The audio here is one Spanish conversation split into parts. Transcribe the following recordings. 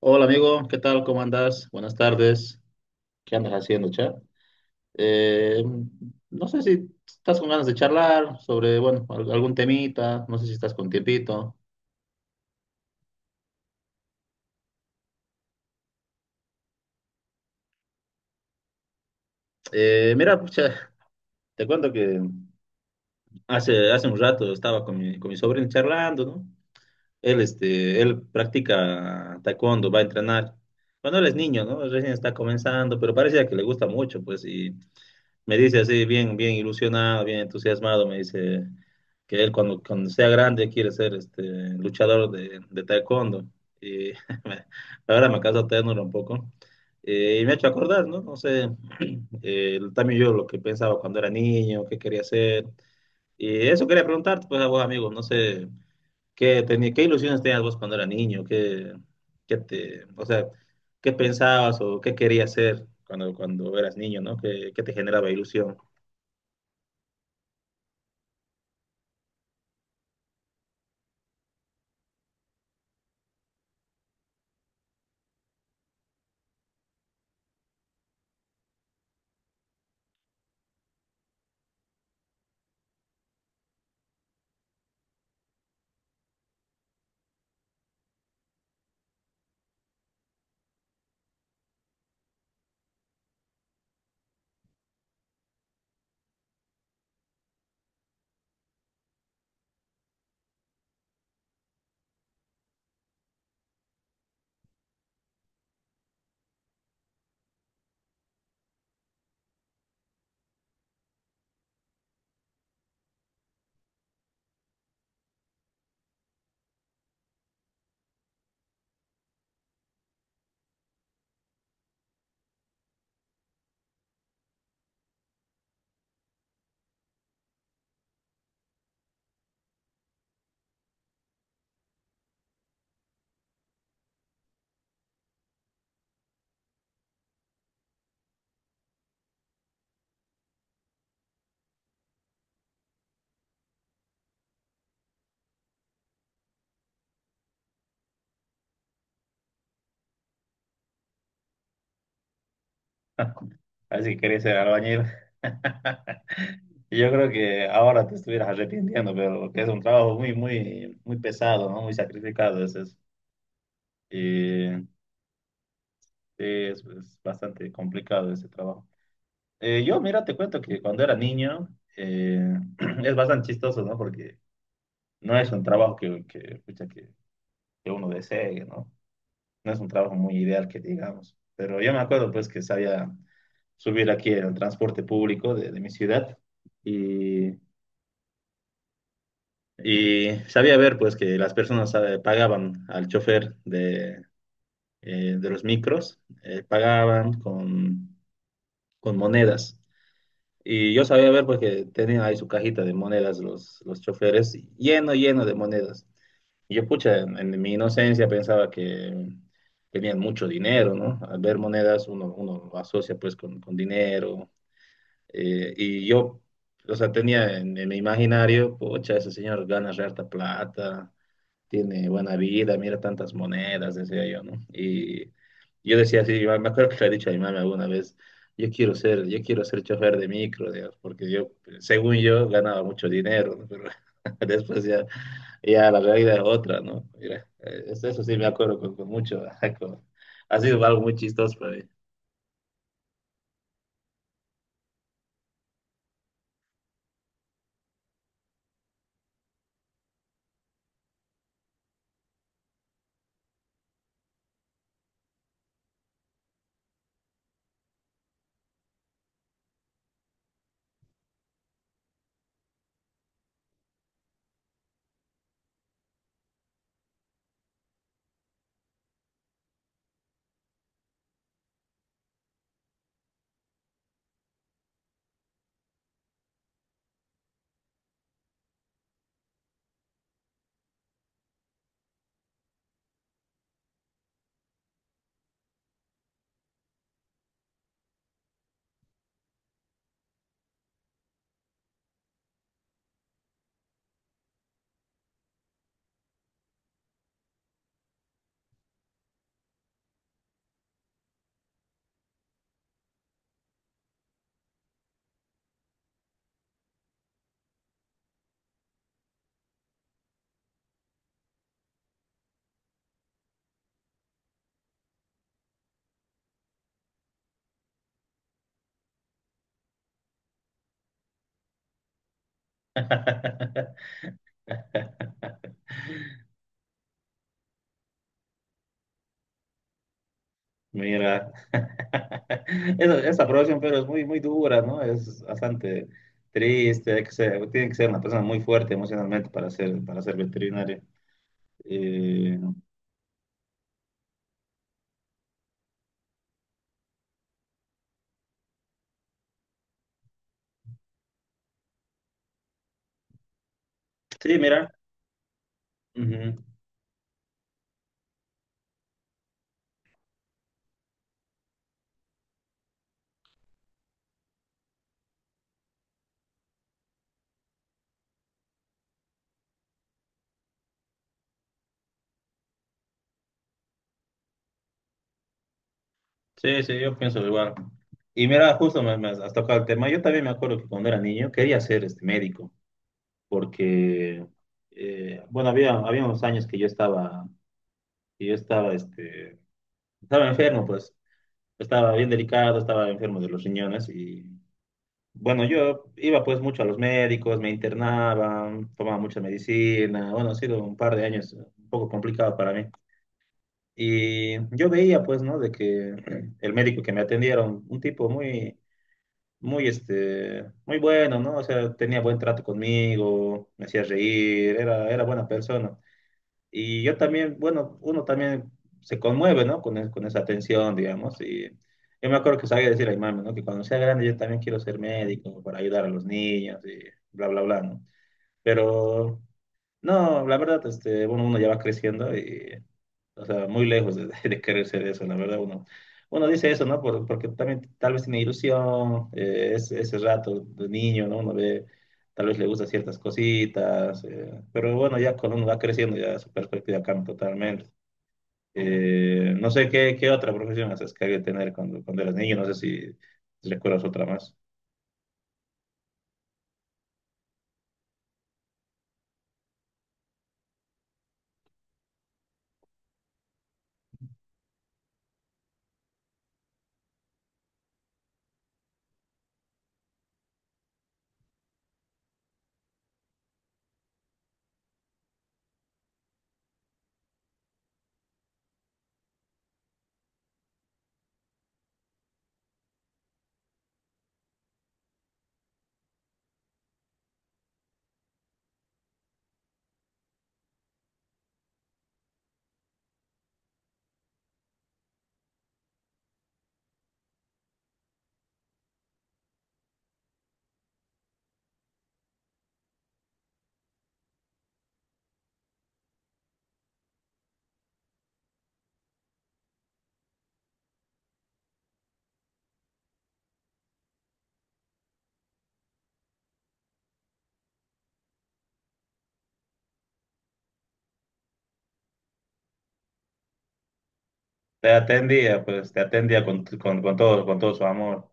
Hola amigo, ¿qué tal? ¿Cómo andas? Buenas tardes. ¿Qué andas haciendo, chat? No sé si estás con ganas de charlar sobre, bueno, algún temita, no sé si estás con tiempito. Mira, pucha, te cuento que hace un rato estaba con mi sobrino charlando, ¿no? Él, este, él practica taekwondo, va a entrenar. Cuando él es niño, ¿no? Recién está comenzando, pero parece que le gusta mucho, pues, y... me dice así, bien ilusionado, bien entusiasmado, me dice que él cuando sea grande quiere ser este luchador de taekwondo. Y me- ahora me causa ternura un poco. Y me ha hecho acordar, ¿no? No sé, también yo lo que pensaba cuando era niño, qué quería hacer. Y eso quería preguntarte, pues a vos, amigo, no sé, ¿qué, tenía, qué ilusiones tenías vos cuando era niño? ¿Qué, o sea, qué pensabas o qué querías hacer cuando eras niño, ¿no? ¿Qué, qué te generaba ilusión? Así quería ser albañil. Yo creo que ahora te estuvieras arrepintiendo, pero que es un trabajo muy pesado, ¿no? Muy sacrificado es eso. Y sí, es bastante complicado ese trabajo. Yo, mira, te cuento que cuando era niño eh, es bastante chistoso, ¿no? Porque no es un trabajo pucha, que uno desee, ¿no? No es un trabajo muy ideal que digamos. Pero yo me acuerdo, pues, que sabía subir aquí en el transporte público de mi ciudad. Y Y sabía ver pues que las personas pagaban al chofer de los micros, pagaban con monedas. Y yo sabía ver porque tenían ahí su cajita de monedas los choferes, lleno de monedas. Y yo, pucha, en mi inocencia pensaba que tenían mucho dinero, ¿no? Al ver monedas uno lo asocia pues con dinero. Y yo, o sea, tenía en mi imaginario, pucha, ese señor gana re harta plata, tiene buena vida, mira tantas monedas, decía yo, ¿no? Y yo decía así, yo me acuerdo que le he dicho a mi mamá alguna vez, yo quiero ser chofer de micro, digamos, porque yo, según yo, ganaba mucho dinero, ¿no? Pero después ya, ya la realidad es otra, ¿no? Mira, eso sí me acuerdo con mucho, con- ha sido algo muy chistoso para mí. Mira, esa aprobación, pero es muy, muy dura, ¿no? Es bastante triste, tiene que ser una persona muy fuerte emocionalmente para ser veterinario. Eh, sí, mira, ujú. Sí, sí, yo pienso igual. Y mira, justo me has tocado el tema. Yo también me acuerdo que cuando era niño quería ser este médico, porque, bueno, había unos años que yo estaba, este, estaba enfermo, pues, estaba bien delicado, estaba enfermo de los riñones y... Bueno, yo iba pues mucho a los médicos, me internaba, tomaba mucha medicina. Bueno, ha sido un par de años un poco complicado para mí. Y yo veía pues, ¿no? De que el médico que me atendieron, un tipo muy bueno, ¿no? O sea, tenía buen trato conmigo, me hacía reír, era buena persona. Y yo también, bueno, uno también se conmueve, ¿no? Con esa atención digamos. Y yo me acuerdo que sabía decir a mi mamá, ¿no? Que cuando sea grande yo también quiero ser médico para ayudar a los niños y bla, bla, bla, ¿no? Pero, no, la verdad, este, bueno, uno ya va creciendo y o sea, muy lejos de querer ser eso, la verdad. Uno dice eso, ¿no? Porque también tal vez tiene ilusión, ese rato de niño, ¿no? Uno ve, tal vez le gusta ciertas cositas, pero bueno, ya cuando uno va creciendo, ya su perspectiva cambia totalmente. No sé qué, qué otra profesión haces que hay que tener cuando eras niño, no sé si recuerdas otra más. Te atendía, pues te atendía con todo su amor.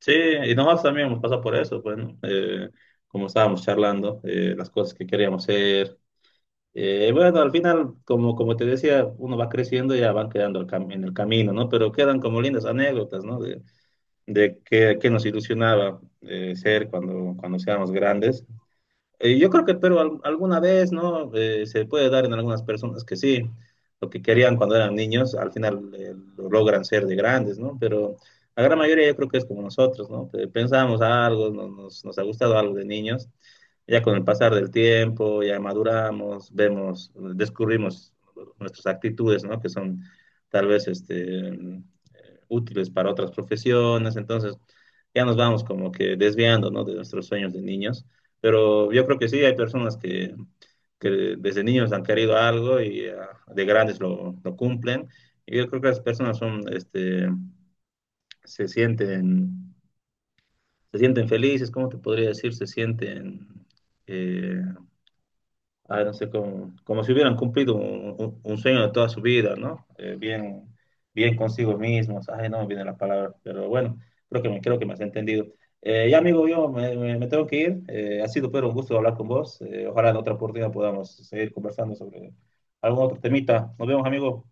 Sí, y nosotros también hemos pasado por eso, bueno, como estábamos charlando, las cosas que queríamos hacer. Bueno, al final, como, como te decía, uno va creciendo y ya van quedando en el camino, ¿no? Pero quedan como lindas anécdotas, ¿no? De qué, qué nos ilusionaba ser cuando seamos grandes. Yo creo que, pero alguna vez, ¿no? Se puede dar en algunas personas que sí, lo que querían cuando eran niños, al final lo logran ser de grandes, ¿no? Pero la gran mayoría yo creo que es como nosotros, ¿no? Pensamos algo, nos ha gustado algo de niños, ya con el pasar del tiempo, ya maduramos, vemos, descubrimos nuestras actitudes, ¿no? Que son tal vez este, útiles para otras profesiones, entonces ya nos vamos como que desviando, ¿no? De nuestros sueños de niños. Pero yo creo que sí, hay personas que desde niños han querido algo y ah, de grandes lo cumplen. Y yo creo que las personas son, este, se sienten, se sienten felices, ¿cómo te podría decir? Se sienten eh, ah, no sé, como, como si hubieran cumplido un sueño de toda su vida, ¿no? Bien consigo mismos. Ay, no me viene la palabra, pero bueno, creo que me has entendido. Ya, amigo, yo me tengo que ir. Ha sido, pero un gusto hablar con vos. Ojalá en otra oportunidad podamos seguir conversando sobre algún otro temita. Nos vemos, amigo.